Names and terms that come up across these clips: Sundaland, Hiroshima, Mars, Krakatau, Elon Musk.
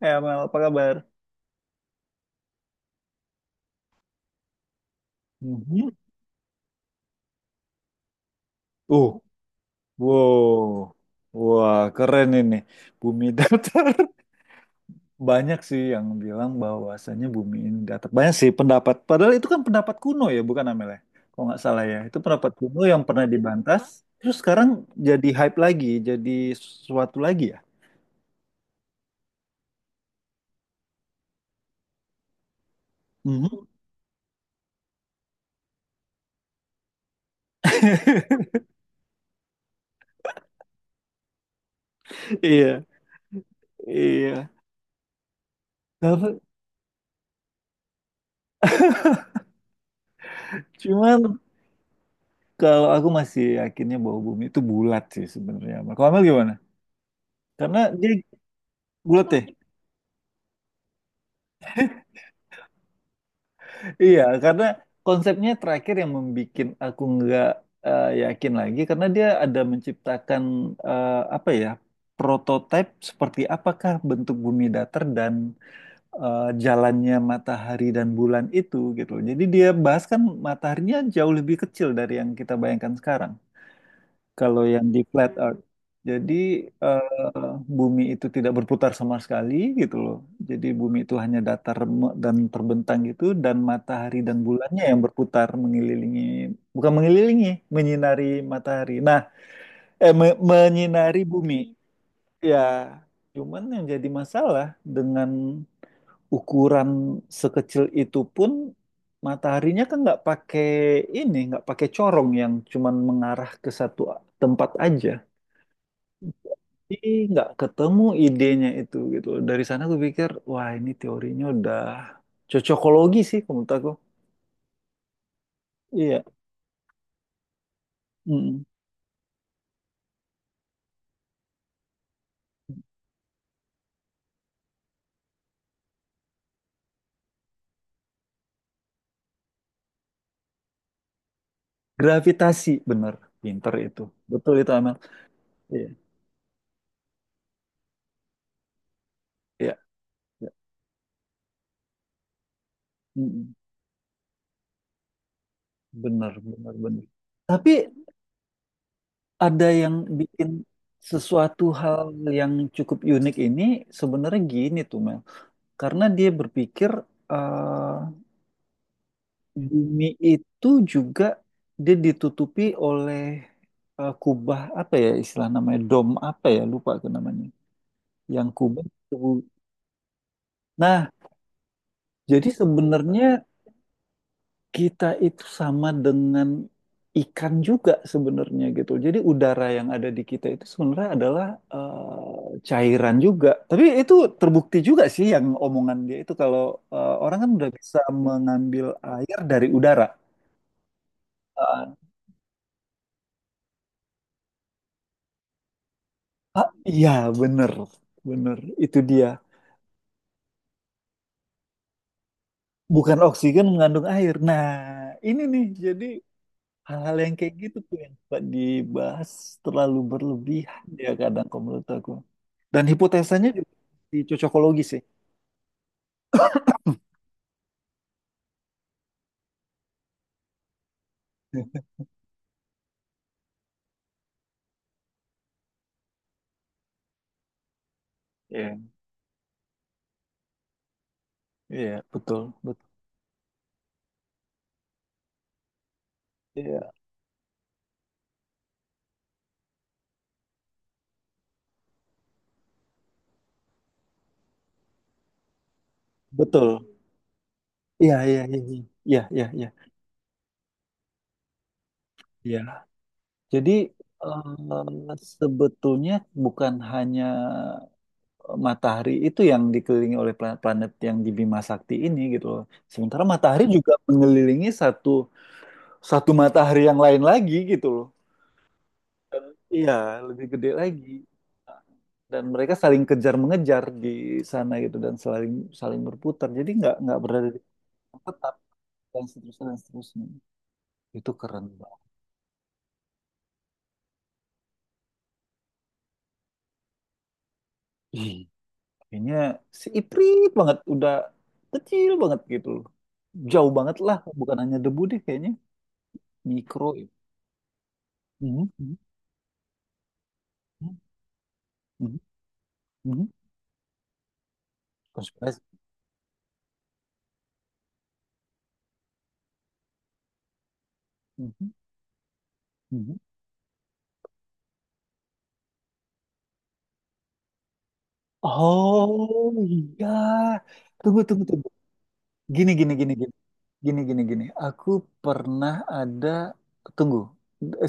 Ya, Mel, apa kabar? Mhm. Uh, wow, wah keren ini. Bumi datar. Banyak sih yang bilang bahwasannya bumi ini datar. Banyak sih pendapat. Padahal itu kan pendapat kuno ya, bukan Amel ya? Kalau nggak salah ya, itu pendapat kuno yang pernah dibantah. Terus sekarang jadi hype lagi, jadi sesuatu lagi ya. Mhm. Iya, iya. Tapi cuman kalau aku masih yakinnya bahwa bumi itu bulat sih sebenarnya. Amel. Kalau Amel gimana? Karena dia bulat ya? Iya, karena konsepnya terakhir yang membuat aku nggak yakin lagi karena dia ada menciptakan apa ya prototipe seperti apakah bentuk bumi datar dan jalannya matahari dan bulan itu gitu. Jadi dia bahas kan mataharinya jauh lebih kecil dari yang kita bayangkan sekarang. Kalau yang di flat earth, jadi eh, bumi itu tidak berputar sama sekali gitu loh. Jadi bumi itu hanya datar remuk dan terbentang gitu, dan matahari dan bulannya yang berputar mengelilingi, bukan mengelilingi, menyinari matahari. Nah, menyinari bumi. Ya, cuman yang jadi masalah dengan ukuran sekecil itu pun mataharinya kan nggak pakai ini, nggak pakai corong yang cuman mengarah ke satu tempat aja. Ih, nggak ketemu idenya itu gitu loh. Dari sana gue pikir, wah ini teorinya udah cocokologi sih kalau menurut aku. Iya, mm. Gravitasi, bener, pinter itu, betul itu Amel. Iya, iya, iya. Mm-mm. Bener, bener, bener. Tapi ada yang bikin sesuatu hal yang cukup unik ini sebenarnya gini tuh Mel, karena dia berpikir eh, Bumi itu juga dia ditutupi oleh kubah apa ya istilah namanya dom apa ya lupa aku namanya. Yang kubah itu. Nah, jadi sebenarnya kita itu sama dengan ikan juga sebenarnya gitu. Jadi udara yang ada di kita itu sebenarnya adalah cairan juga. Tapi itu terbukti juga sih yang omongan dia itu kalau orang kan udah bisa mengambil air dari udara. Eh, Ah, iya, bener, bener. Itu dia. Bukan oksigen mengandung air. Nah, ini nih, jadi hal-hal yang kayak gitu tuh yang suka dibahas terlalu berlebihan ya kadang kalau menurut aku. Dan hipotesanya juga di cocokologi sih. Iya, iya, betul, betul. Iya, betul. Iya, iya, iya, iya, iya, iya. Iya. Iya. Jadi sebetulnya bukan hanya matahari itu yang dikelilingi oleh planet-planet yang di Bima Sakti ini gitu loh. Sementara matahari juga mengelilingi satu satu matahari yang lain lagi gitu loh. Iya, lebih gede lagi. Dan mereka saling kejar mengejar di sana gitu dan saling saling berputar. Jadi nggak berada di tempat tetap dan seterusnya dan seterusnya. Itu keren banget. Ih, kayaknya si Iprit banget udah kecil banget gitu loh. Jauh banget lah, bukan hanya debu deh kayaknya. Mikro. Mhm, mhm. Mhm, mhm. Konspirasi. Mhm, mhm. Oh iya, tunggu tunggu tunggu. Gini gini gini gini gini gini gini. Aku pernah ada tunggu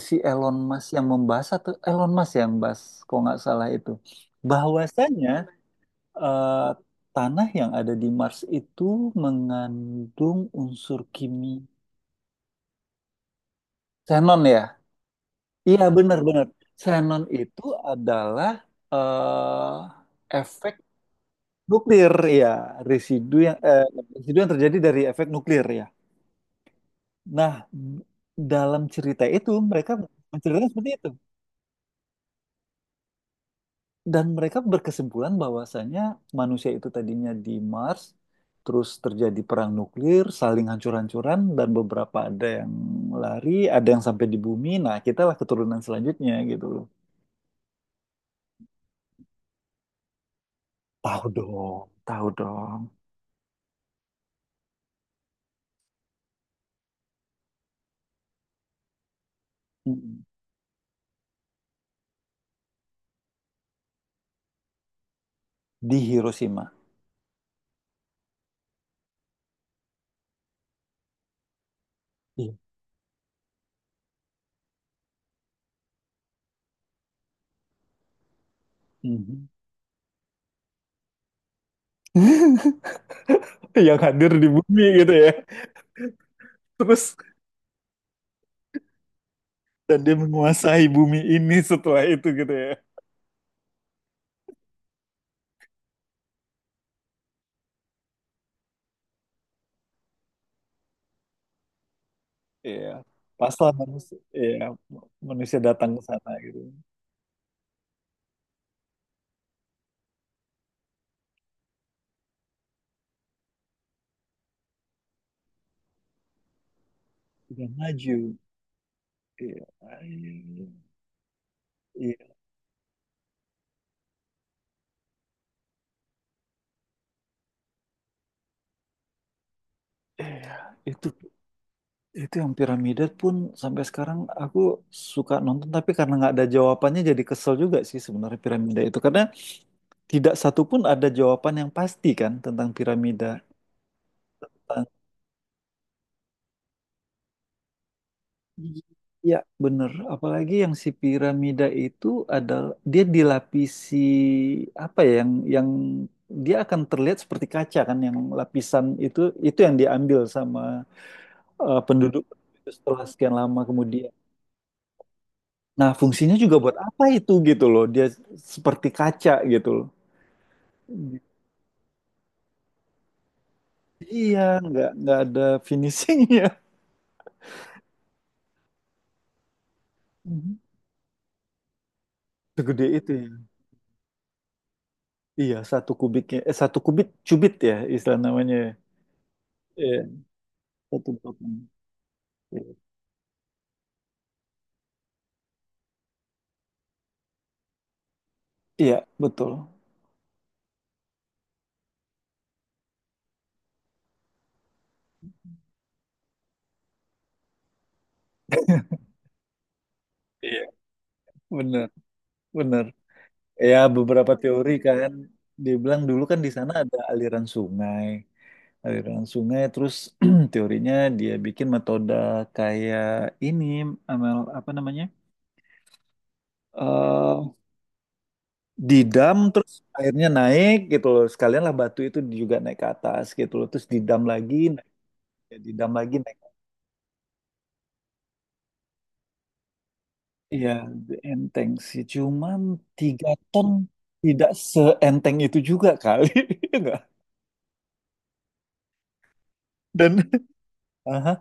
si Elon Musk yang membahas atau Elon Musk yang bahas, kalau nggak salah itu bahwasanya eh, tanah yang ada di Mars itu mengandung unsur kimia xenon ya. Iya benar benar. Xenon itu adalah eh, efek nuklir, ya. Residu yang residu yang terjadi dari efek nuklir, ya. Nah, dalam cerita itu mereka menceritakan seperti itu dan mereka berkesimpulan bahwasanya manusia itu tadinya di Mars, terus terjadi perang nuklir, saling hancur-hancuran dan beberapa ada yang lari, ada yang sampai di bumi. Nah, kitalah keturunan selanjutnya gitu loh. Tahu dong, tahu dong. Mm. Di Hiroshima. Iya. Mhm. Yang hadir di bumi gitu ya. Terus dia menguasai bumi ini setelah itu gitu ya. Iya. Paslah manusia, iya, manusia datang ke sana gitu. Udah maju. Iya. Iya. Iya. Iya. Itu itu yang piramida pun sampai sekarang aku suka nonton tapi karena nggak ada jawabannya jadi kesel juga sih sebenarnya piramida itu karena tidak satu pun ada jawaban yang pasti kan tentang piramida. Iya, bener. Apalagi yang si piramida itu adalah dia dilapisi apa ya yang dia akan terlihat seperti kaca kan yang lapisan itu yang diambil sama penduduk itu setelah sekian lama kemudian. Nah, fungsinya juga buat apa itu gitu loh. Dia seperti kaca gitu loh. Iya, nggak ada finishingnya. Mhm. Segede itu ya. Iya, satu kubiknya eh satu kubit cubit ya istilah namanya. Ya. Iya, satu batang. Iya, betul. Iya, benar, benar. Ya, beberapa teori kan dibilang dulu kan di sana ada aliran sungai terus teorinya dia bikin metode kayak ini amal apa namanya? eh didam terus airnya naik gitu loh. Sekalian lah batu itu juga naik ke atas gitu loh. Terus didam lagi, naik, didam lagi naik. Iya, enteng sih. Cuman tiga ton tidak seenteng itu juga kali. Enggak. Dan aha.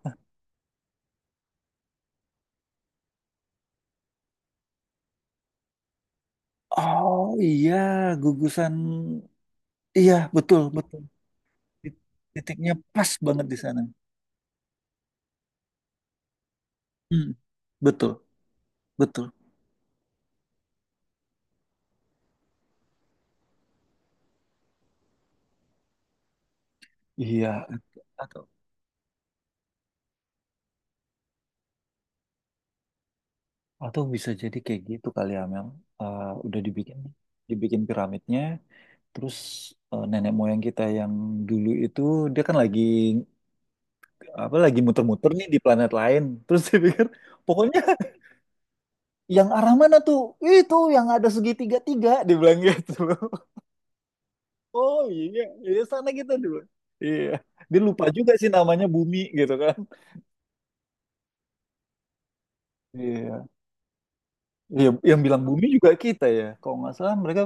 Oh iya, gugusan. Iya, betul, betul. Tit- Titiknya pas banget di sana. Hmm, betul, betul. Iya, atau bisa jadi kayak gitu kali ya, Mel. Eh, udah dibikin dibikin piramidnya, terus nenek moyang kita yang dulu itu dia kan lagi apa lagi muter-muter nih di planet lain. Terus dia pikir, pokoknya yang arah mana tuh? Itu yang ada segitiga tiga, dibilang gitu. Oh iya, iya sana kita dulu. Iya, dia lupa juga sih namanya Bumi gitu kan. Iya, iya yang bilang Bumi juga kita ya. Kalau nggak salah mereka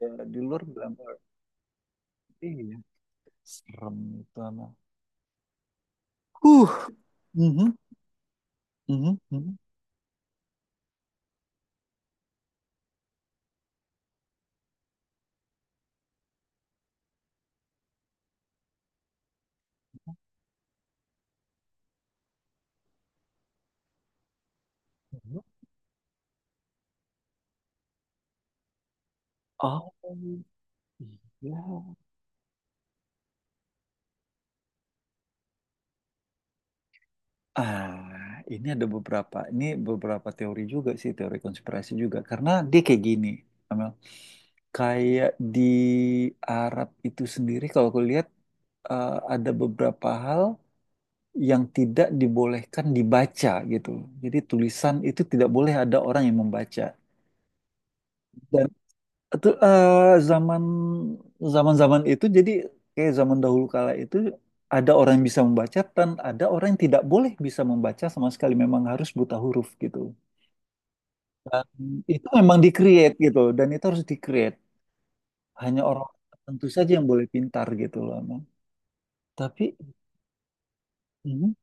ya, di luar bilang Earth. Iya, serem itu anak. Huh, mhm, mhm, mhm, mhm. Oh iya. Ah, ini ada beberapa. Ini beberapa teori juga sih, teori konspirasi juga. Karena dia kayak gini, Amel. Kayak di Arab itu sendiri, kalau aku lihat ada beberapa hal yang tidak dibolehkan dibaca gitu. Jadi tulisan itu tidak boleh ada orang yang membaca. Itu zaman itu jadi kayak zaman dahulu kala itu ada orang yang bisa membaca dan ada orang yang tidak boleh bisa membaca sama sekali memang harus buta huruf gitu. Dan itu memang di-create gitu dan itu harus di-create. Hanya orang tertentu saja yang boleh pintar gitu loh emang. Tapi mhm,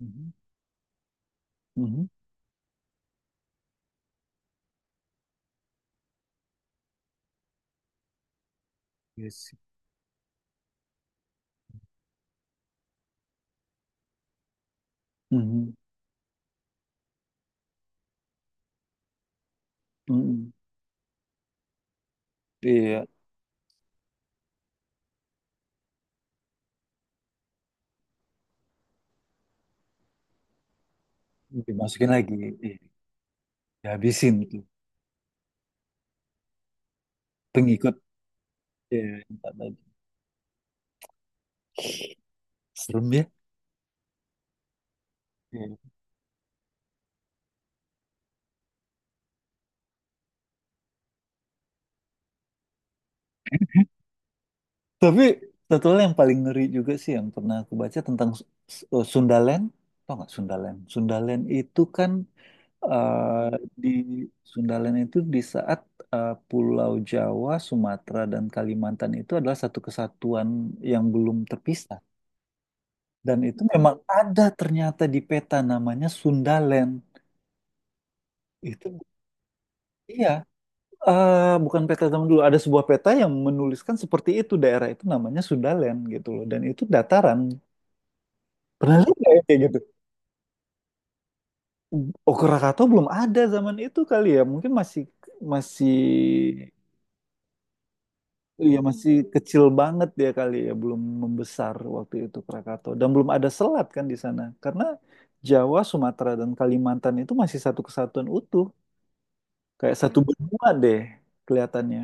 mhm, mhm, iya sih. Mhm, mhm. Iya, dimasukin lagi, iya. Dihabisin tuh pengikut iya, yang tak tadi. Serem ya. Iya. Tapi satu hal yang paling ngeri juga sih yang pernah aku baca tentang Sundaland. Tau nggak Sundaland? Sundaland itu kan eh, di Sundaland itu di saat Pulau Jawa, Sumatera, dan Kalimantan itu adalah satu kesatuan yang belum terpisah. Dan itu memang ada ternyata di peta namanya Sundaland. Itu iya. Bukan peta zaman dulu, ada sebuah peta yang menuliskan seperti itu daerah itu namanya Sundaland gitu loh, dan itu dataran. Pernah lihat nggak ya kayak gitu? Okurakato belum ada zaman itu kali ya. Mungkin masih masih ya masih kecil banget ya kali ya, belum membesar waktu itu Krakatau dan belum ada selat kan di sana. Karena Jawa, Sumatera dan Kalimantan itu masih satu kesatuan utuh, kayak satu benua deh kelihatannya.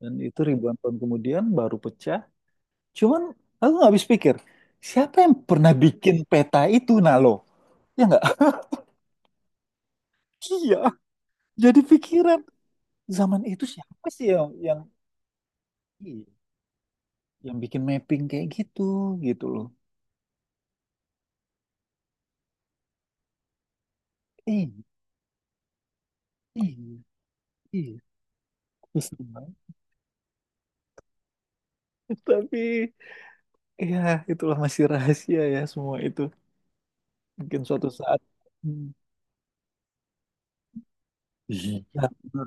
Dan itu ribuan tahun kemudian baru pecah. Cuman aku nggak habis pikir, siapa yang pernah bikin peta itu, Nalo? Ya nggak? Iya, jadi pikiran zaman itu siapa sih yang ih, yang bikin mapping kayak gitu gitu loh. Ih, ih, ih. Kesel banget. Tapi ya itulah masih rahasia ya semua itu. Mungkin suatu saat. Hmm. Iya, bener.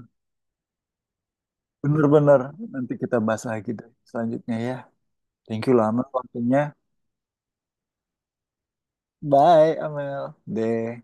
Bener-bener. Nanti kita bahas lagi deh selanjutnya ya. Thank you lama waktunya. Bye, Amel. Deh.